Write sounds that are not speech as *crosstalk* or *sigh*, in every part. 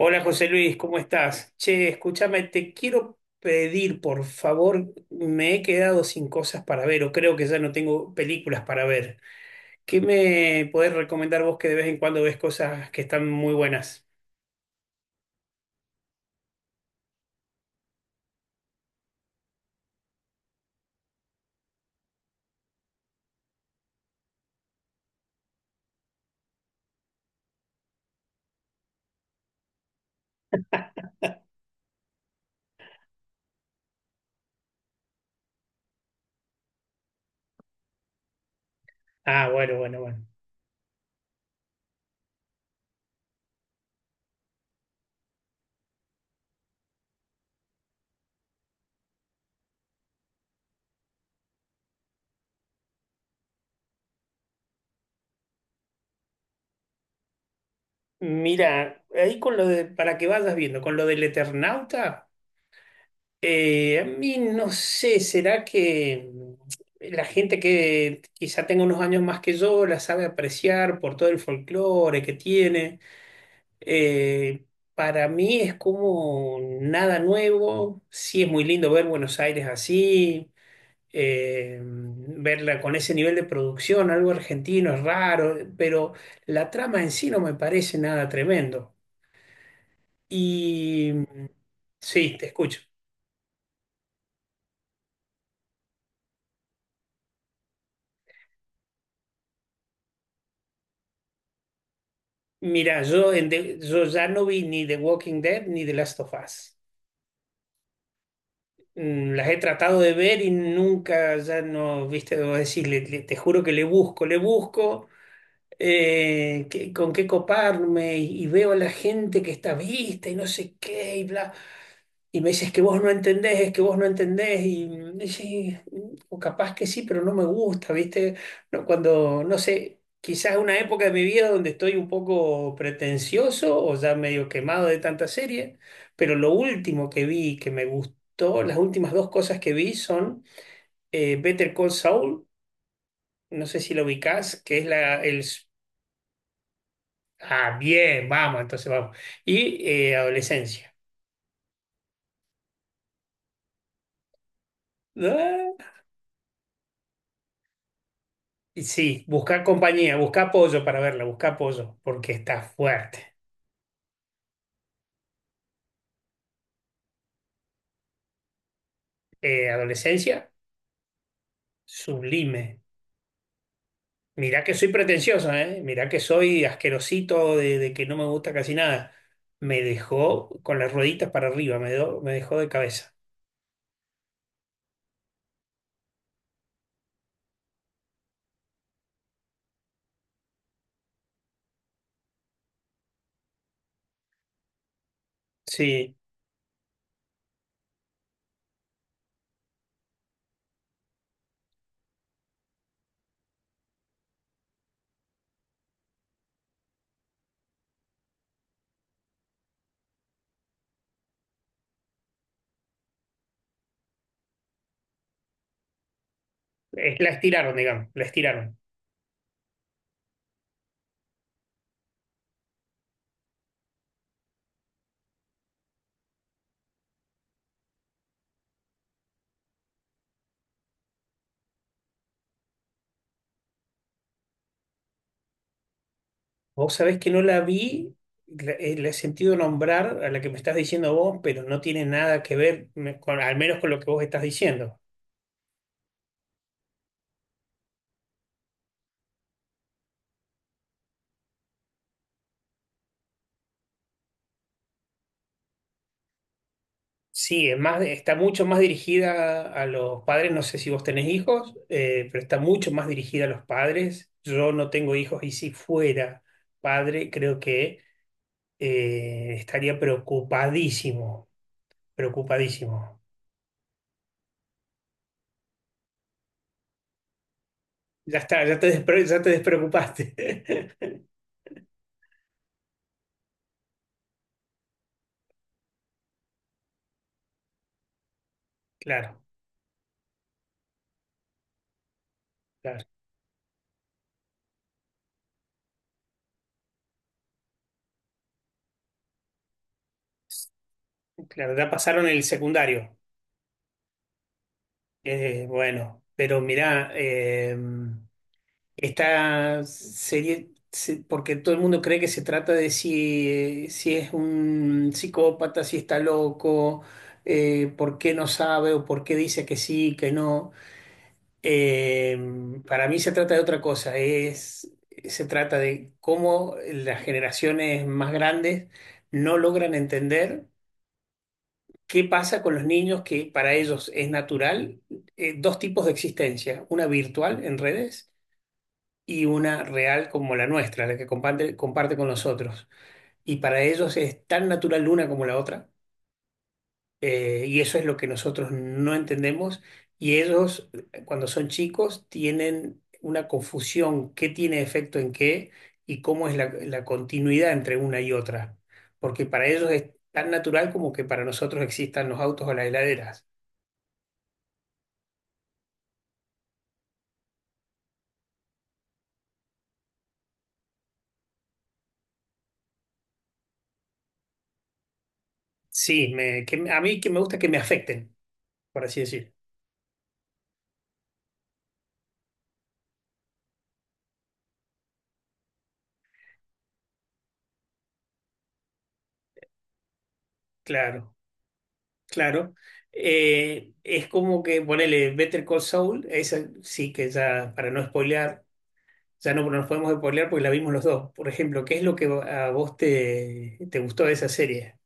Hola José Luis, ¿cómo estás? Che, escúchame, te quiero pedir, por favor, me he quedado sin cosas para ver o creo que ya no tengo películas para ver. ¿Qué me podés recomendar vos que de vez en cuando ves cosas que están muy buenas? Ah, bueno, bueno, bueno. Mira, ahí con lo de, para que vayas viendo, con lo del Eternauta, a mí no sé, ¿será que la gente que quizá tenga unos años más que yo la sabe apreciar por todo el folclore que tiene? Eh, para mí es como nada nuevo. Sí, es muy lindo ver Buenos Aires así, verla con ese nivel de producción, algo argentino, es raro, pero la trama en sí no me parece nada tremendo. Y sí, te escucho. Mira, yo, yo ya no vi ni The Walking Dead ni The Last of Us. Mm, las he tratado de ver y nunca, ya no, viste, debo decirle, te juro que le busco, le busco. Con qué coparme y veo a la gente que está vista y no sé qué y bla. Y me dices que vos no entendés, es que vos no entendés y y sí, o capaz que sí, pero no me gusta, ¿viste? No, cuando, no sé, quizás una época de mi vida donde estoy un poco pretencioso o ya medio quemado de tanta serie, pero lo último que vi que me gustó, las últimas dos cosas que vi son Better Call Saul, no sé si lo ubicás, que es el... Ah, bien, vamos, entonces vamos. Y adolescencia. Ah, y sí, busca compañía, busca apoyo para verla, busca apoyo, porque está fuerte. Adolescencia, sublime. Mirá que soy pretencioso, ¿eh? Mirá que soy asquerosito de que no me gusta casi nada. Me dejó con las rueditas para arriba, me dejó de cabeza. Sí, la estiraron, digamos, la estiraron. Vos sabés que no la vi, la he sentido nombrar a la que me estás diciendo vos, pero no tiene nada que ver, con, al menos con lo que vos estás diciendo. Sí, es más, está mucho más dirigida a los padres, no sé si vos tenés hijos, pero está mucho más dirigida a los padres. Yo no tengo hijos y si fuera padre, creo que estaría preocupadísimo, preocupadísimo. Ya está, ya te despreocupaste. *laughs* Claro, claro, claro, ya pasaron el secundario. Bueno, pero mirá, esta serie, porque todo el mundo cree que se trata de si, si es un psicópata, si está loco, por qué no sabe o por qué dice que sí, que no. Eh, para mí se trata de otra cosa, es, se trata de cómo las generaciones más grandes no logran entender. ¿Qué pasa con los niños que para ellos es natural? Dos tipos de existencia, una virtual en redes y una real como la nuestra, la que comparte con nosotros. Y para ellos es tan natural una como la otra, y eso es lo que nosotros no entendemos. Y ellos, cuando son chicos, tienen una confusión, qué tiene efecto en qué y cómo es la continuidad entre una y otra. Porque para ellos es tan natural como que para nosotros existan los autos o las heladeras. Sí, a mí que me gusta que me afecten, por así decir. Claro, claro. Es como que ponele Better Call Saul, esa sí que ya, para no spoilear, ya no nos podemos spoilear porque la vimos los dos. Por ejemplo, ¿qué es lo que a vos te gustó de esa serie?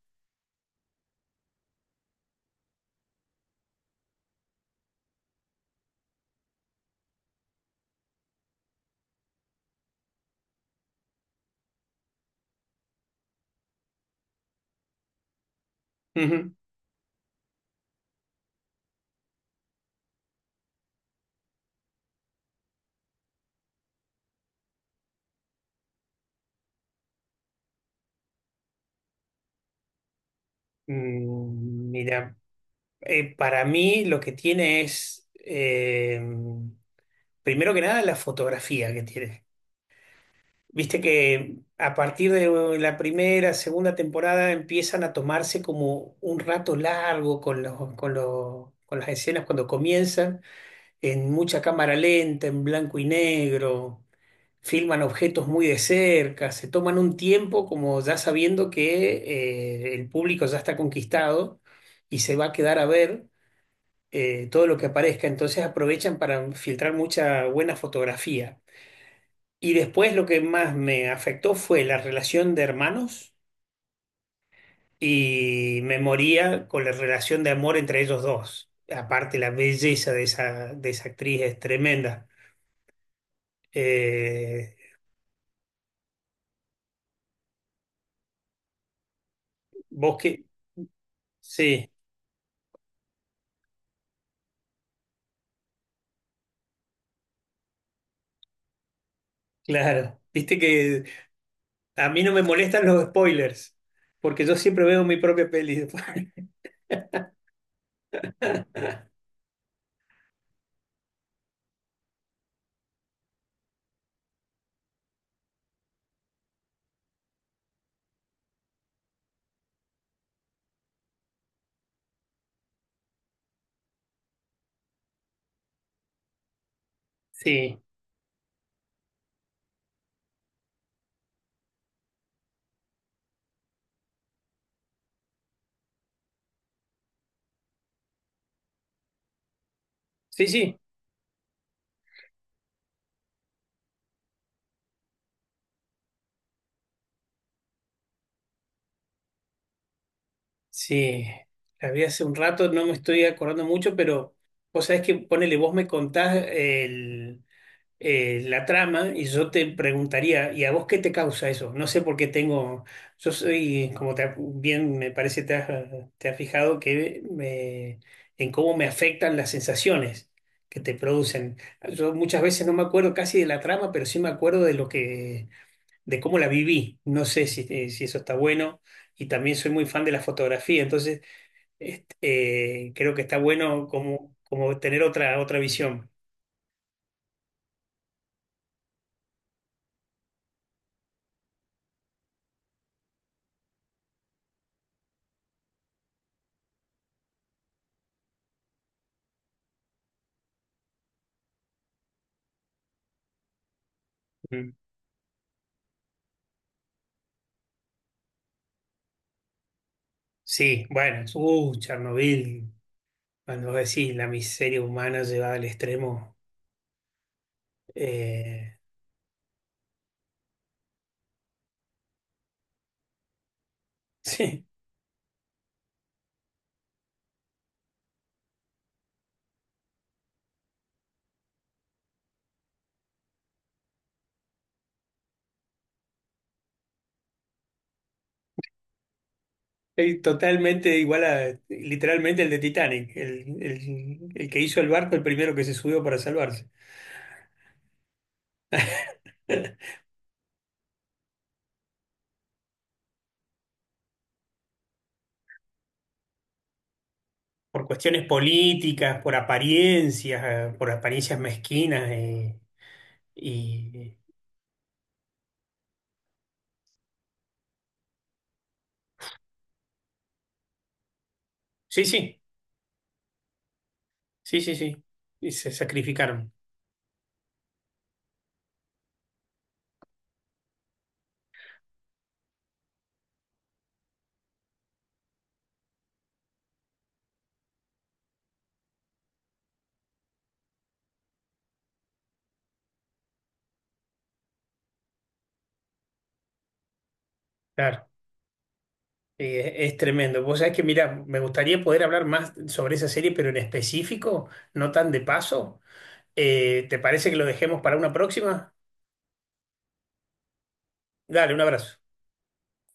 Ujú. Mm, mira, para mí lo que tiene es, primero que nada, la fotografía que tiene. Viste que a partir de la primera, segunda temporada empiezan a tomarse como un rato largo con con las escenas cuando comienzan, en mucha cámara lenta, en blanco y negro, filman objetos muy de cerca, se toman un tiempo como ya sabiendo que el público ya está conquistado y se va a quedar a ver todo lo que aparezca, entonces aprovechan para filtrar mucha buena fotografía. Y después lo que más me afectó fue la relación de hermanos y me moría con la relación de amor entre ellos dos. Aparte, la belleza de esa actriz es tremenda. Eh, vos que... Sí, claro. Viste que a mí no me molestan los spoilers, porque yo siempre veo mi propia peli después. *laughs* Sí, sí, sí, sí. La vi hace un rato, no me estoy acordando mucho, pero vos sabés que, ponele, vos me contás el la trama y yo te preguntaría, ¿y a vos qué te causa eso? No sé por qué tengo, yo soy, bien me parece te has fijado, en cómo me afectan las sensaciones que te producen. Yo muchas veces no me acuerdo casi de la trama, pero sí me acuerdo de cómo la viví. No sé si, si eso está bueno. Y también soy muy fan de la fotografía, entonces este, creo que está bueno como, como tener otra visión. Mm. Sí, bueno, Chernobyl, cuando vos decís la miseria humana llevada al extremo, eh, *laughs* sí, es totalmente igual a literalmente el de Titanic, el que hizo el barco, el primero que se subió para salvarse. *laughs* Por cuestiones políticas, por apariencias mezquinas, y sí, sí, sí, sí, sí, y se sacrificaron, claro. Es tremendo. Vos sabés que, mira, me gustaría poder hablar más sobre esa serie, pero en específico, no tan de paso. ¿Te parece que lo dejemos para una próxima? Dale, un abrazo.